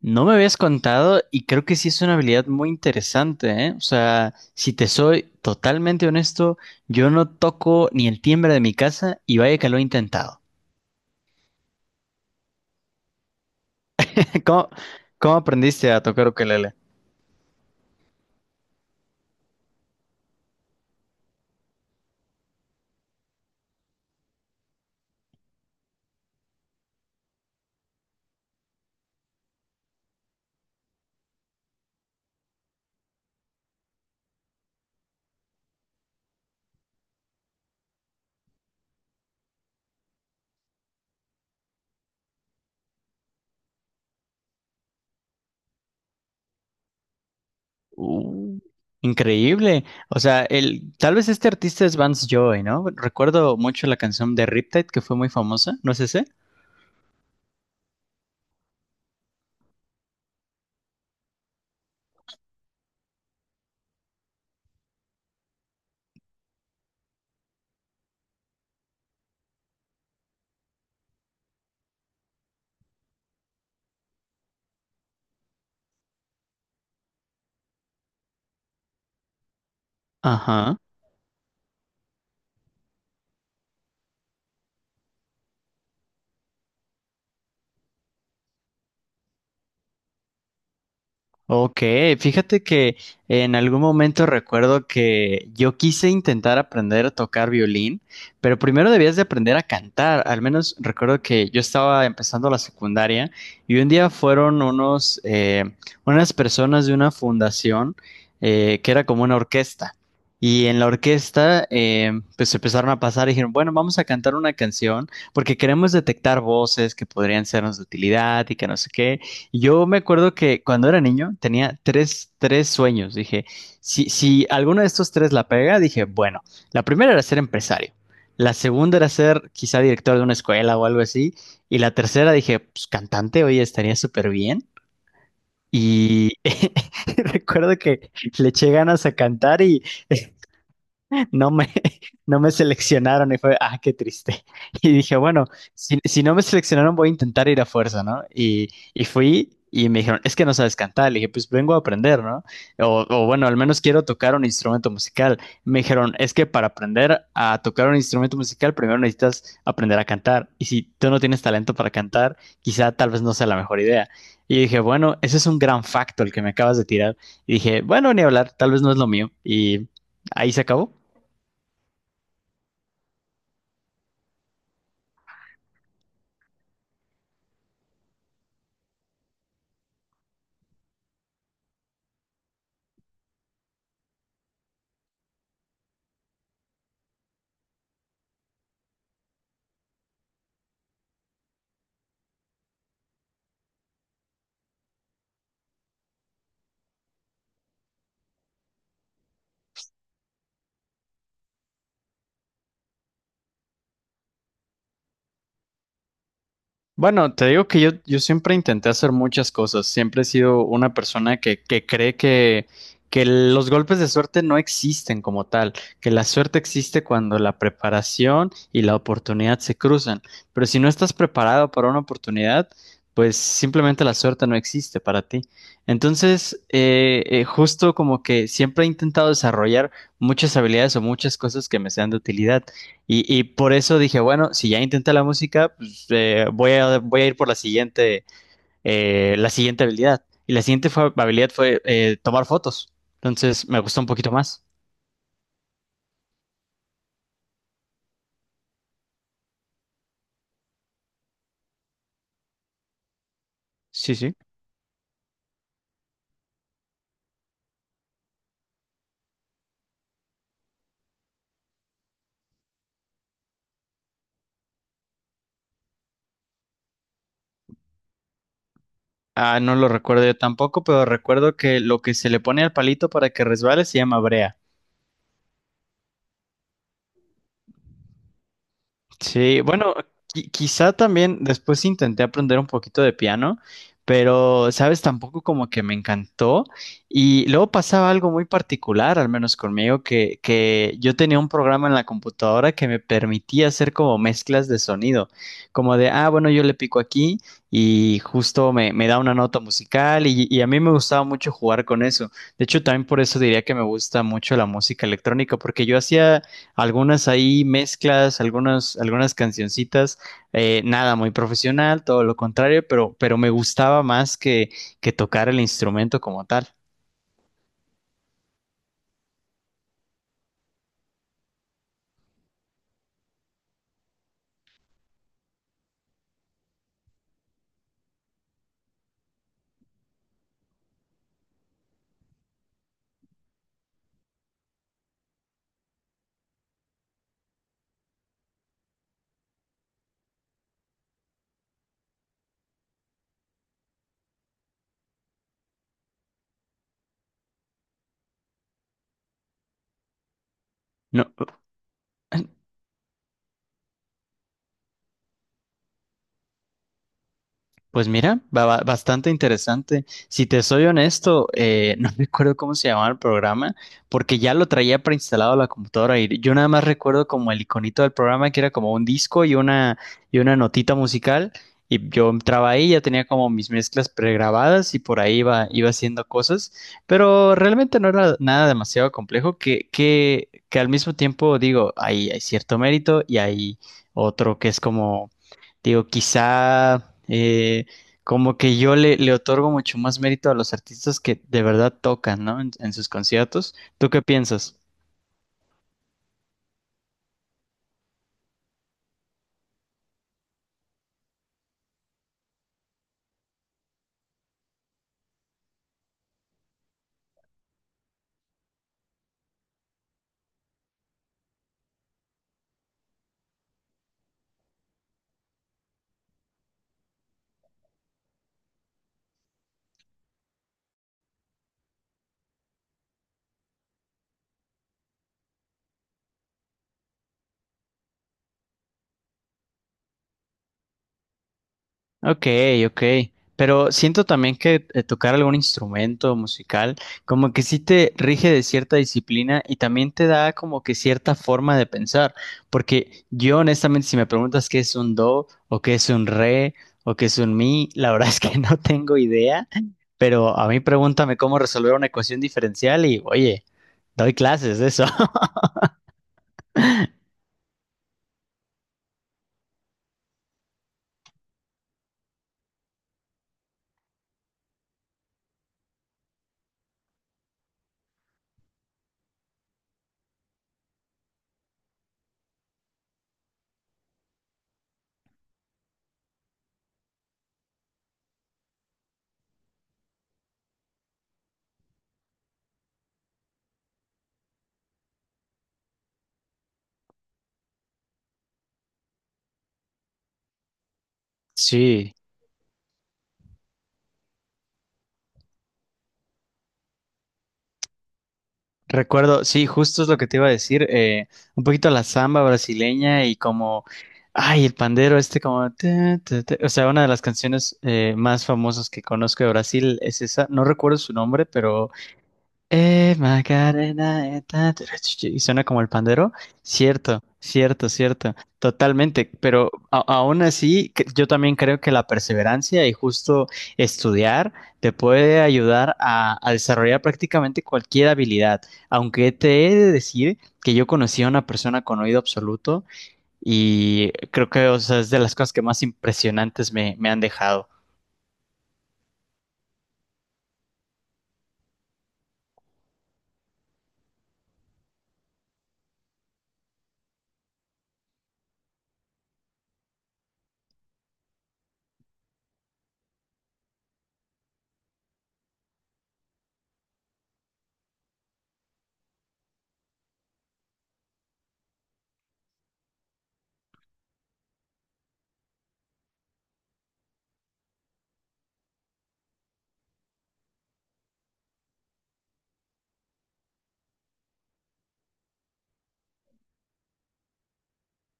No me habías contado y creo que sí es una habilidad muy interesante, ¿eh? O sea, si te soy totalmente honesto, yo no toco ni el timbre de mi casa y vaya que lo he intentado. ¿Cómo, cómo aprendiste a tocar ukelele? Uh, Increíble. O sea, el, tal vez este artista es Vance Joy, ¿no? Recuerdo mucho la canción de Riptide que fue muy famosa, ¿no es ese? Ajá. Ok, fíjate que en algún momento recuerdo que yo quise intentar aprender a tocar violín, pero primero debías de aprender a cantar. Al menos recuerdo que yo estaba empezando la secundaria y un día fueron unos, unas personas de una fundación que era como una orquesta. Y en la orquesta, pues empezaron a pasar y dijeron, bueno, vamos a cantar una canción porque queremos detectar voces que podrían sernos de utilidad y que no sé qué. Yo me acuerdo que cuando era niño tenía tres sueños. Dije, si alguno de estos tres la pega, dije, bueno, la primera era ser empresario, la segunda era ser quizá director de una escuela o algo así, y la tercera dije, pues cantante, oye, estaría súper bien. Y recuerdo que le eché ganas a cantar y no me, no me seleccionaron y fue, ah, qué triste. Y dije, bueno, si no me seleccionaron voy a intentar ir a fuerza, ¿no? Y fui y me dijeron, es que no sabes cantar. Le dije, pues vengo a aprender, ¿no? O bueno, al menos quiero tocar un instrumento musical. Me dijeron, es que para aprender a tocar un instrumento musical primero necesitas aprender a cantar. Y si tú no tienes talento para cantar, quizá tal vez no sea la mejor idea. Y dije, bueno, ese es un gran facto el que me acabas de tirar. Y dije, bueno, ni hablar, tal vez no es lo mío. Y ahí se acabó. Bueno, te digo que yo siempre intenté hacer muchas cosas. Siempre he sido una persona que cree que los golpes de suerte no existen como tal, que la suerte existe cuando la preparación y la oportunidad se cruzan. Pero si no estás preparado para una oportunidad, pues simplemente la suerte no existe para ti. Entonces, justo como que siempre he intentado desarrollar muchas habilidades o muchas cosas que me sean de utilidad. Y por eso dije, bueno, si ya intenté la música, voy, a, voy a ir por la siguiente habilidad. Y la siguiente habilidad fue tomar fotos. Entonces me gustó un poquito más. Sí, sí. Ah, no lo recuerdo yo tampoco, pero recuerdo que lo que se le pone al palito para que resbale se llama brea. Sí, bueno, quizá también después intenté aprender un poquito de piano, pero, sabes, tampoco como que me encantó. Y luego pasaba algo muy particular, al menos conmigo, que yo tenía un programa en la computadora que me permitía hacer como mezclas de sonido, como de, ah, bueno, yo le pico aquí y justo me, me da una nota musical y a mí me gustaba mucho jugar con eso. De hecho, también por eso diría que me gusta mucho la música electrónica, porque yo hacía algunas ahí mezclas, algunas, algunas cancioncitas, nada muy profesional, todo lo contrario, pero me gustaba más que tocar el instrumento como tal. No, pues mira, bastante interesante. Si te soy honesto, no recuerdo cómo se llamaba el programa, porque ya lo traía preinstalado a la computadora y yo nada más recuerdo como el iconito del programa que era como un disco y una notita musical y yo entraba ahí, ya tenía como mis mezclas pregrabadas y por ahí iba, iba haciendo cosas, pero realmente no era nada demasiado complejo que al mismo tiempo digo, hay cierto mérito y hay otro que es como digo, quizá como que yo le, le otorgo mucho más mérito a los artistas que de verdad tocan, ¿no? En sus conciertos. ¿Tú qué piensas? Ok, ok. Pero siento también que tocar algún instrumento musical como que sí te rige de cierta disciplina y también te da como que cierta forma de pensar. Porque yo honestamente si me preguntas qué es un do o qué es un re o qué es un mi, la verdad es que no tengo idea. Pero a mí pregúntame cómo resolver una ecuación diferencial y oye, doy clases de eso. Sí. Recuerdo, sí, justo es lo que te iba a decir, un poquito la samba brasileña y como, ay, el pandero este como, ta, ta, ta. O sea, una de las canciones más famosas que conozco de Brasil es esa, no recuerdo su nombre, pero Macarena, ta, ta, ra, chu, chu, y suena como el pandero. Cierto, cierto, cierto, totalmente. Pero aún así, yo también creo que la perseverancia y justo estudiar te puede ayudar a desarrollar prácticamente cualquier habilidad. Aunque te he de decir que yo conocí a una persona con oído absoluto y creo que, o sea, es de las cosas que más impresionantes me han dejado.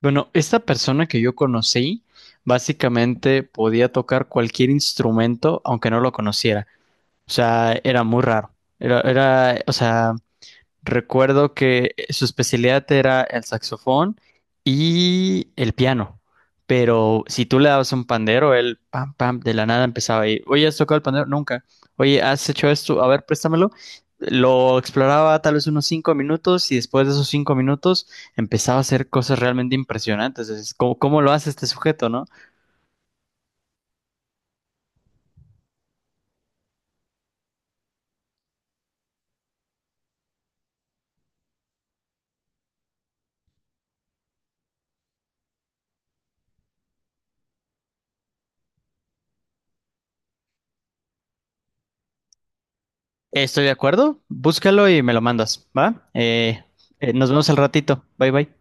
Bueno, esta persona que yo conocí básicamente podía tocar cualquier instrumento aunque no lo conociera. O sea, era muy raro. O sea, recuerdo que su especialidad era el saxofón y el piano. Pero si tú le dabas un pandero, él pam, pam, de la nada empezaba ahí. Oye, ¿has tocado el pandero? Nunca. Oye, ¿has hecho esto? A ver, préstamelo. Lo exploraba tal vez unos 5 minutos y después de esos 5 minutos empezaba a hacer cosas realmente impresionantes. Es como, ¿cómo lo hace este sujeto, no? Estoy de acuerdo. Búscalo y me lo mandas, ¿va? Nos vemos al ratito. Bye, bye.